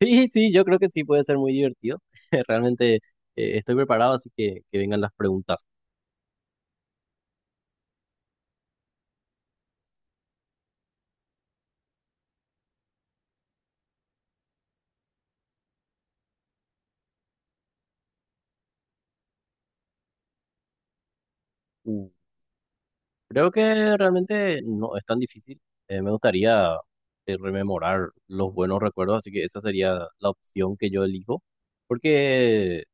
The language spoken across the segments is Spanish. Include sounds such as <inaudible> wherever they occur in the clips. Sí, sí, yo creo que sí puede ser muy divertido. <laughs> Realmente estoy preparado, así que vengan las preguntas. Uh, Creo que realmente no es tan difícil. Me gustaría rememorar los buenos recuerdos, así que esa sería la opción que yo elijo, porque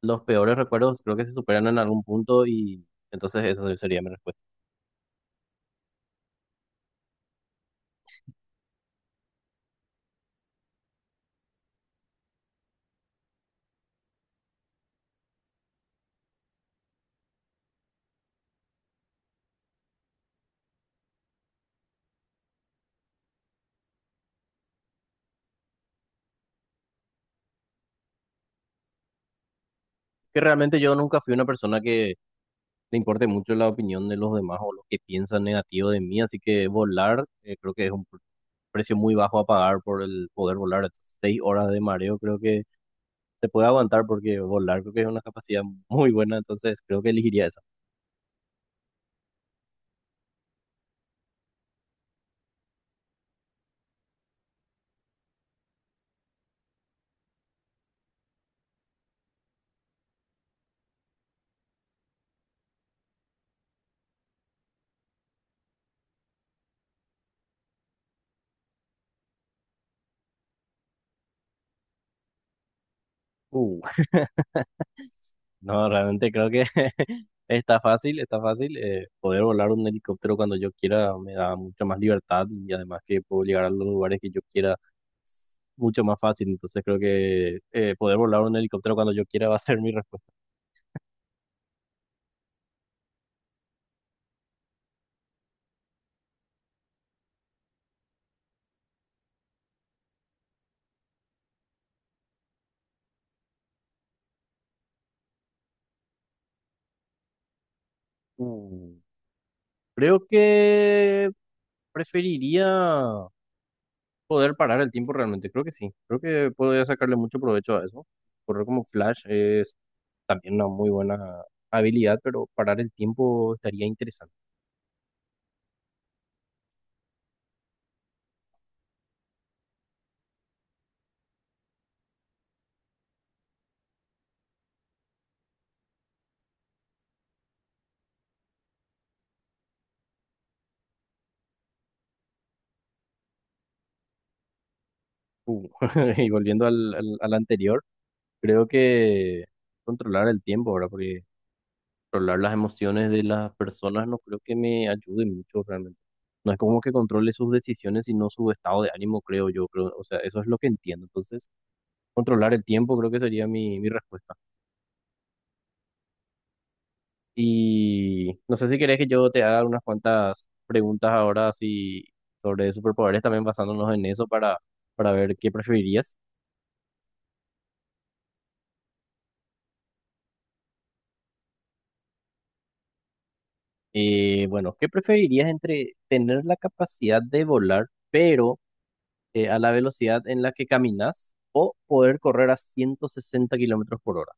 los peores recuerdos creo que se superan en algún punto y entonces esa sería mi respuesta. Que realmente yo nunca fui una persona que le importe mucho la opinión de los demás o lo que piensan negativo de mí, así que volar, creo que es un precio muy bajo a pagar por el poder volar. Entonces, 6 horas de mareo creo que se puede aguantar porque volar creo que es una capacidad muy buena, entonces creo que elegiría esa. Uh, no, realmente creo que <laughs> está fácil, está fácil. Poder volar un helicóptero cuando yo quiera me da mucha más libertad y además que puedo llegar a los lugares que yo quiera mucho más fácil, entonces creo que poder volar un helicóptero cuando yo quiera va a ser mi respuesta. Uh, Creo que preferiría poder parar el tiempo realmente, creo que sí, creo que podría sacarle mucho provecho a eso. Correr como Flash es también una muy buena habilidad, pero parar el tiempo estaría interesante. Uh, <laughs> y volviendo al anterior, creo que controlar el tiempo ahora, porque controlar las emociones de las personas no creo que me ayude mucho realmente. No es como que controle sus decisiones, sino su estado de ánimo, creo yo, creo, o sea, eso es lo que entiendo. Entonces, controlar el tiempo creo que sería mi respuesta. Y no sé si querés que yo te haga unas cuantas preguntas ahora así sobre superpoderes, también basándonos en eso para ver qué preferirías. Bueno, ¿qué preferirías entre tener la capacidad de volar, pero a la velocidad en la que caminas, o poder correr a 160 kilómetros por hora?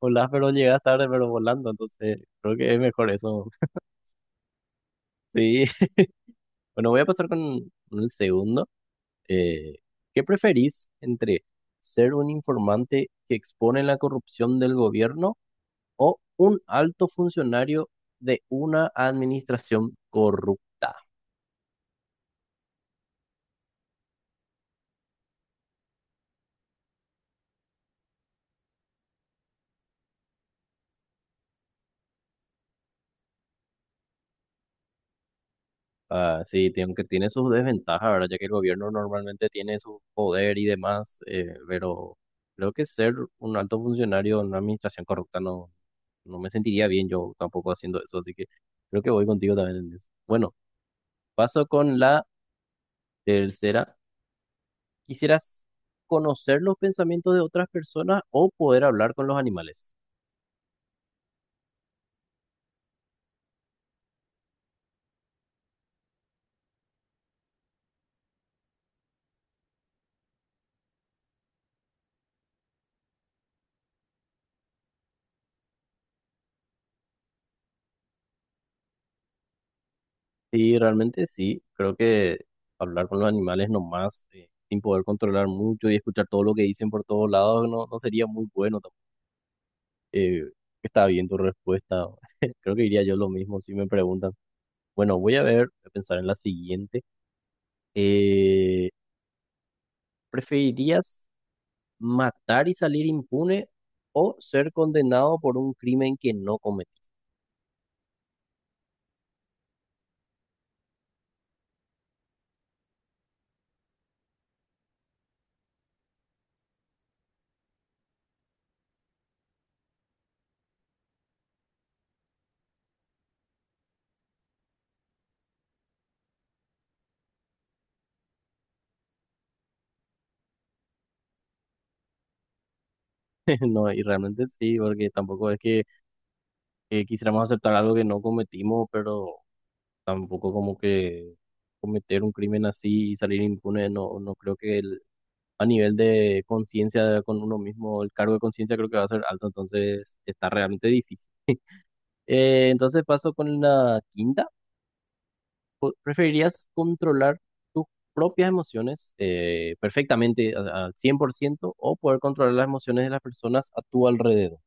Volás, pero llegas tarde, pero volando, entonces creo que es mejor eso. <laughs> Sí, bueno, voy a pasar con el segundo. Eh, ¿Qué preferís entre ser un informante que expone la corrupción del gobierno o un alto funcionario de una administración corrupta? Ah, sí, aunque tiene sus desventajas, ¿verdad? Ya que el gobierno normalmente tiene su poder y demás, pero creo que ser un alto funcionario en una administración corrupta no, no me sentiría bien yo tampoco haciendo eso, así que creo que voy contigo también en eso. Bueno, paso con la tercera. ¿Quisieras conocer los pensamientos de otras personas o poder hablar con los animales? Sí, realmente sí. Creo que hablar con los animales nomás, sin poder controlar mucho y escuchar todo lo que dicen por todos lados, no, no sería muy bueno. Eh, Está bien tu respuesta. <laughs> Creo que diría yo lo mismo si me preguntan. Bueno, voy a ver, voy a pensar en la siguiente. Eh, ¿Preferirías matar y salir impune o ser condenado por un crimen que no cometiste? <laughs> No, y realmente sí, porque tampoco es que quisiéramos aceptar algo que no cometimos, pero tampoco como que cometer un crimen así y salir impune, no, no creo que el, a nivel de conciencia con uno mismo, el cargo de conciencia creo que va a ser alto, entonces está realmente difícil. Entonces paso con la quinta. ¿Preferirías controlar tus propias emociones perfectamente al 100% o poder controlar las emociones de las personas a tu alrededor?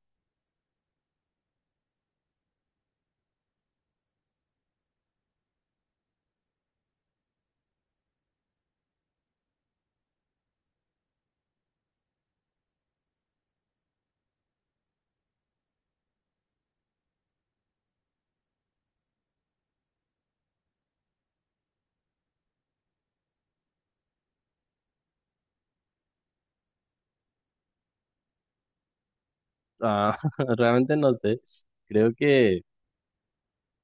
Ah, <laughs> realmente no sé. Creo que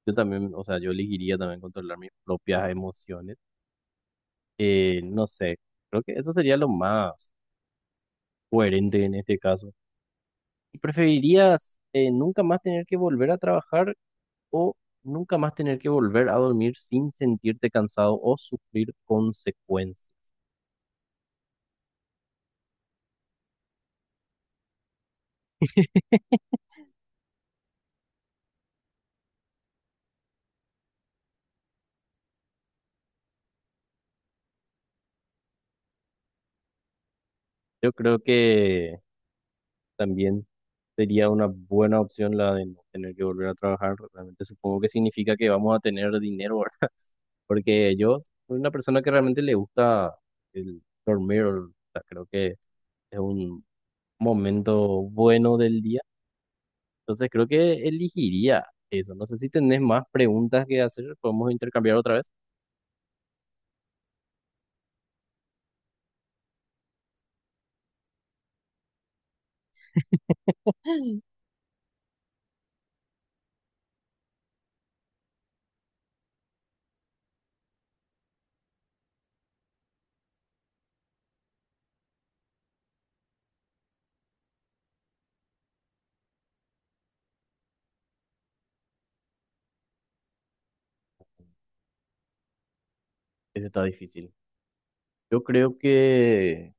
yo también, o sea, yo elegiría también controlar mis propias emociones. No sé, creo que eso sería lo más coherente en este caso. ¿Y preferirías nunca más tener que volver a trabajar o nunca más tener que volver a dormir sin sentirte cansado o sufrir consecuencias? Yo creo que también sería una buena opción la de no tener que volver a trabajar. Realmente supongo que significa que vamos a tener dinero, porque yo soy una persona que realmente le gusta el dormir, o sea, creo que es un momento bueno del día. Entonces creo que elegiría eso. No sé si tenés más preguntas que hacer, podemos intercambiar otra vez. Eso está difícil. Yo creo que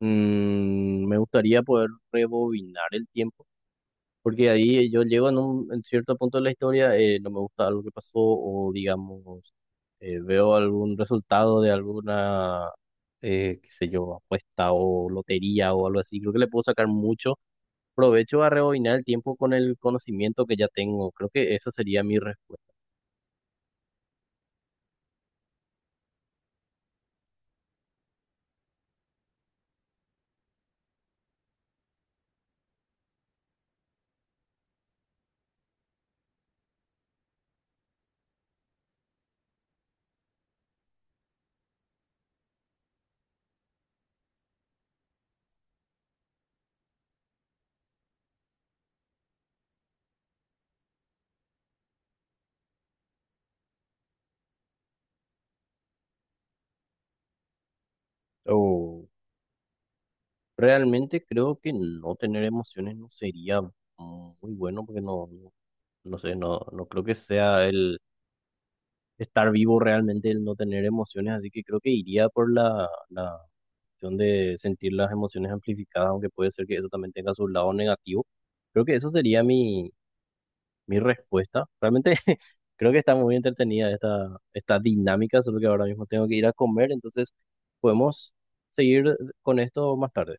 me gustaría poder rebobinar el tiempo, porque ahí yo llego en un en cierto punto de la historia, no me gusta algo que pasó o digamos, veo algún resultado de alguna, qué sé yo, apuesta o lotería o algo así. Creo que le puedo sacar mucho provecho a rebobinar el tiempo con el conocimiento que ya tengo. Creo que esa sería mi respuesta. O realmente creo que no tener emociones no sería muy bueno porque no, no no sé, no, no creo que sea el estar vivo realmente, el no tener emociones, así que creo que iría por la opción de sentir las emociones amplificadas, aunque puede ser que eso también tenga su lado negativo. Creo que eso sería mi respuesta. Realmente <laughs> creo que está muy entretenida esta dinámica, solo que ahora mismo tengo que ir a comer, entonces podemos seguir con esto más tarde.